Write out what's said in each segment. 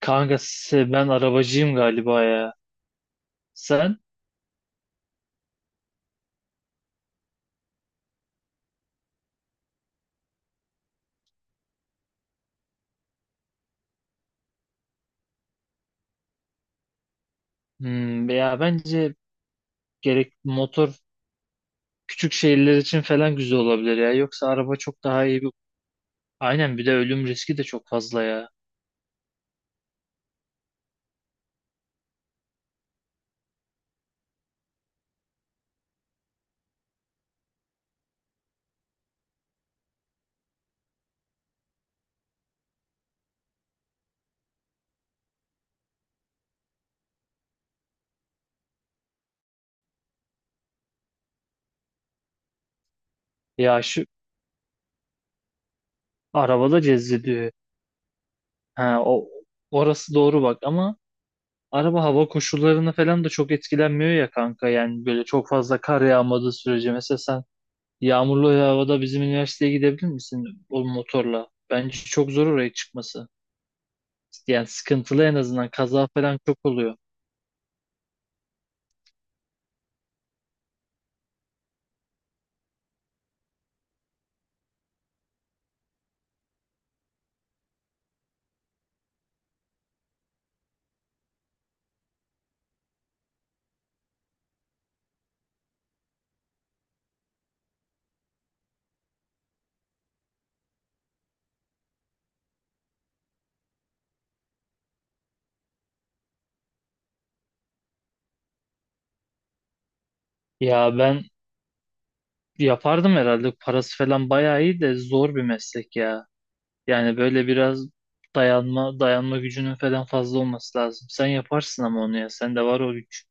Kanka ben arabacıyım galiba ya. Sen? Ya bence gerek motor küçük şehirler için falan güzel olabilir ya. Yoksa araba çok daha iyi bir... Aynen, bir de ölüm riski de çok fazla ya. Ya şu arabada cezbediyor. Ha, orası doğru bak ama araba hava koşullarına falan da çok etkilenmiyor ya kanka. Yani böyle çok fazla kar yağmadığı sürece mesela sen yağmurlu havada bizim üniversiteye gidebilir misin o motorla? Bence çok zor oraya çıkması. Yani sıkıntılı, en azından kaza falan çok oluyor. Ya ben yapardım herhalde, parası falan bayağı iyi de zor bir meslek ya. Yani böyle biraz dayanma gücünün falan fazla olması lazım. Sen yaparsın ama onu, ya sende var o güç.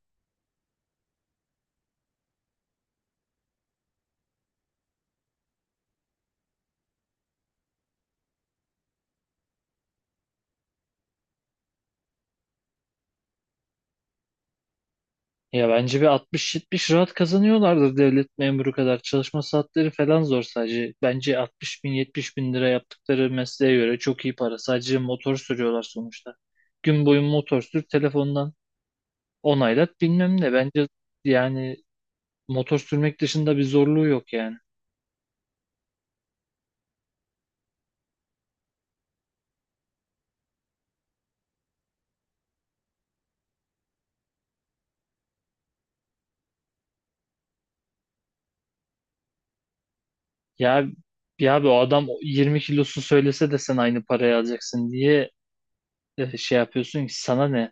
Ya bence bir 60-70 rahat kazanıyorlardır, devlet memuru kadar. Çalışma saatleri falan zor sadece. Bence 60 bin 70 bin lira yaptıkları mesleğe göre çok iyi para. Sadece motor sürüyorlar sonuçta. Gün boyu motor sür, telefondan onaylat, bilmem ne. Bence yani motor sürmek dışında bir zorluğu yok yani. Ya ya abi, o adam 20 kilosu söylese de sen aynı parayı alacaksın diye şey yapıyorsun ki, sana ne?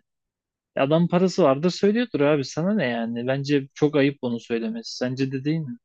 Adam parası vardır söylüyordur, abi sana ne yani? Bence çok ayıp onu söylemesi. Sence de değil mi?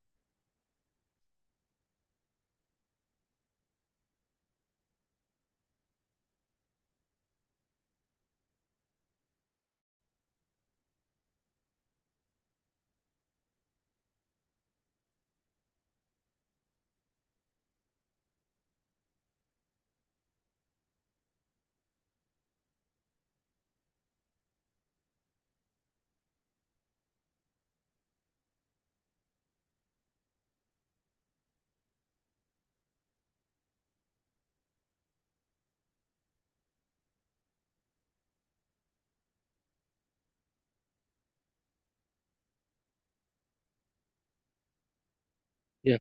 Ya,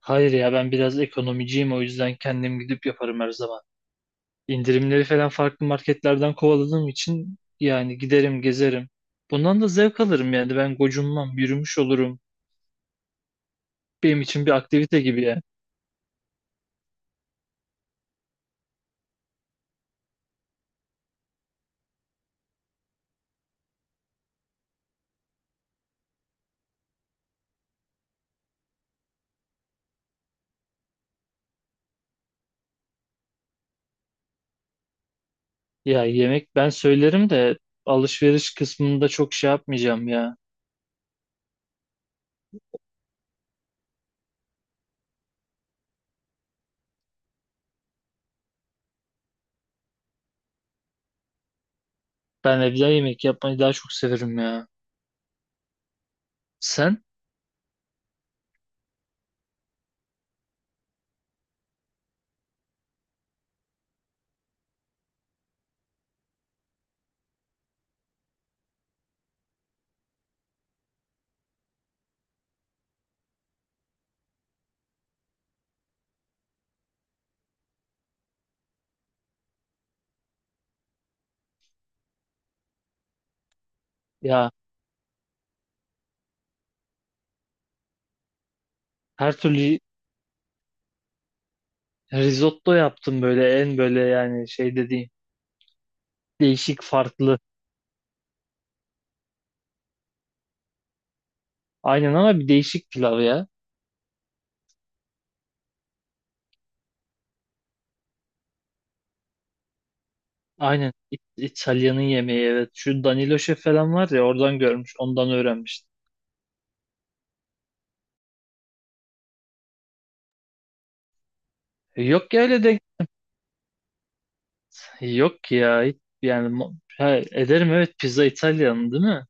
hayır ya ben biraz ekonomiciyim, o yüzden kendim gidip yaparım her zaman. İndirimleri falan farklı marketlerden kovaladığım için yani giderim gezerim. Bundan da zevk alırım yani, ben gocunmam, yürümüş olurum. Benim için bir aktivite gibi yani. Ya yemek ben söylerim de alışveriş kısmında çok şey yapmayacağım ya. Ben evde yemek yapmayı daha çok severim ya. Sen? Ya her türlü, risotto yaptım böyle en böyle, yani şey dediğim değişik, farklı. Aynen ama bir değişik pilav ya. Aynen İtalya'nın yemeği, evet. Şu Danilo Şef falan var ya, oradan görmüş ondan öğrenmiştim. Yok ya öyle de, yok ya, yani ederim, evet, pizza İtalyan değil mi?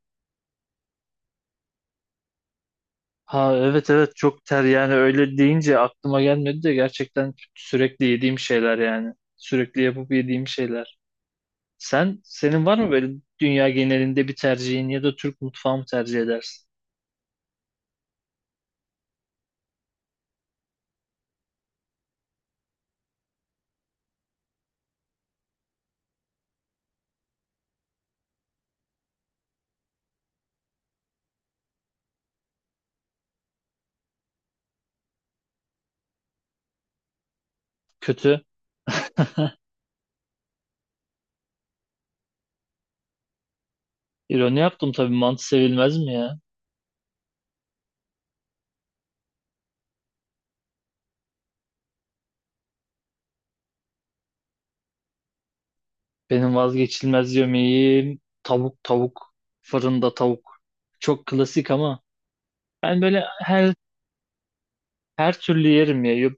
Ha evet evet, çok ter yani, öyle deyince aklıma gelmedi de gerçekten sürekli yediğim şeyler yani. Sürekli yapıp yediğim şeyler. Senin var mı böyle dünya genelinde bir tercihin, ya da Türk mutfağı mı tercih edersin? Kötü. İroni yaptım, tabii mantı sevilmez mi ya? Benim vazgeçilmez yemeğim tavuk, fırında tavuk. Çok klasik ama ben böyle her türlü yerim ya.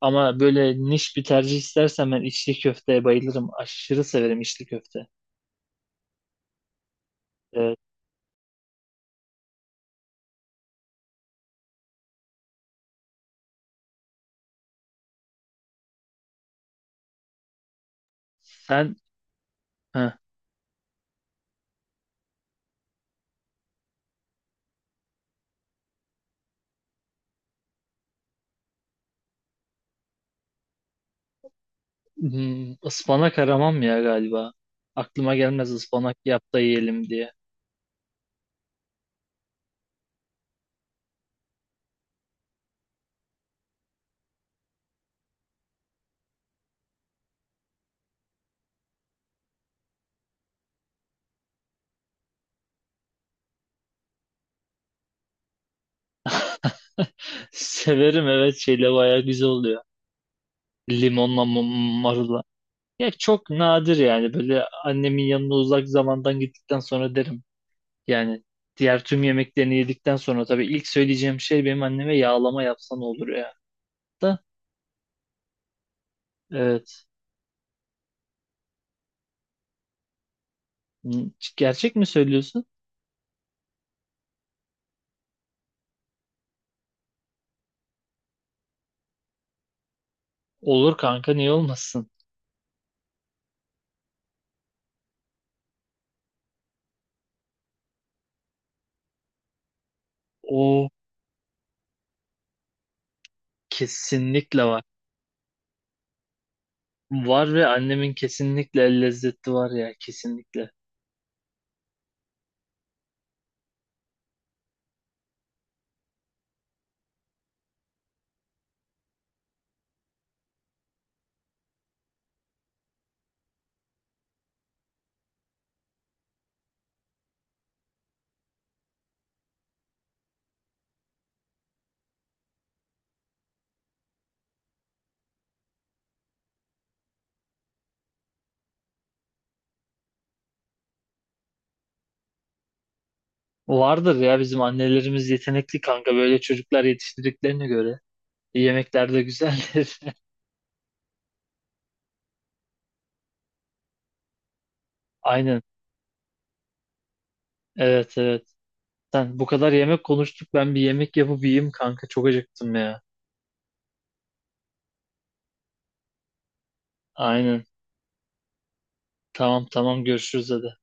Ama böyle niş bir tercih istersem ben içli köfteye bayılırım. Aşırı severim içli köfte. Ee, sen heh, ıspanak aramam ya galiba. Aklıma gelmez ıspanak yap da yiyelim diye. Severim, evet, şeyle bayağı güzel oluyor. Limonla marulla. Ya çok nadir, yani böyle annemin yanına uzak zamandan gittikten sonra derim. Yani diğer tüm yemeklerini yedikten sonra tabii ilk söyleyeceğim şey benim anneme yağlama yapsan olur ya. Da evet. Hmm, Gerçek mi söylüyorsun? Olur kanka, niye olmasın? O kesinlikle var. Var, ve annemin kesinlikle el lezzeti var ya, kesinlikle. Vardır ya, bizim annelerimiz yetenekli kanka, böyle çocuklar yetiştirdiklerine göre. Yemekler de güzeldir. Aynen. Evet evet. Sen, bu kadar yemek konuştuk, ben bir yemek yapıp yiyeyim kanka, çok acıktım ya. Aynen. Tamam tamam, görüşürüz hadi.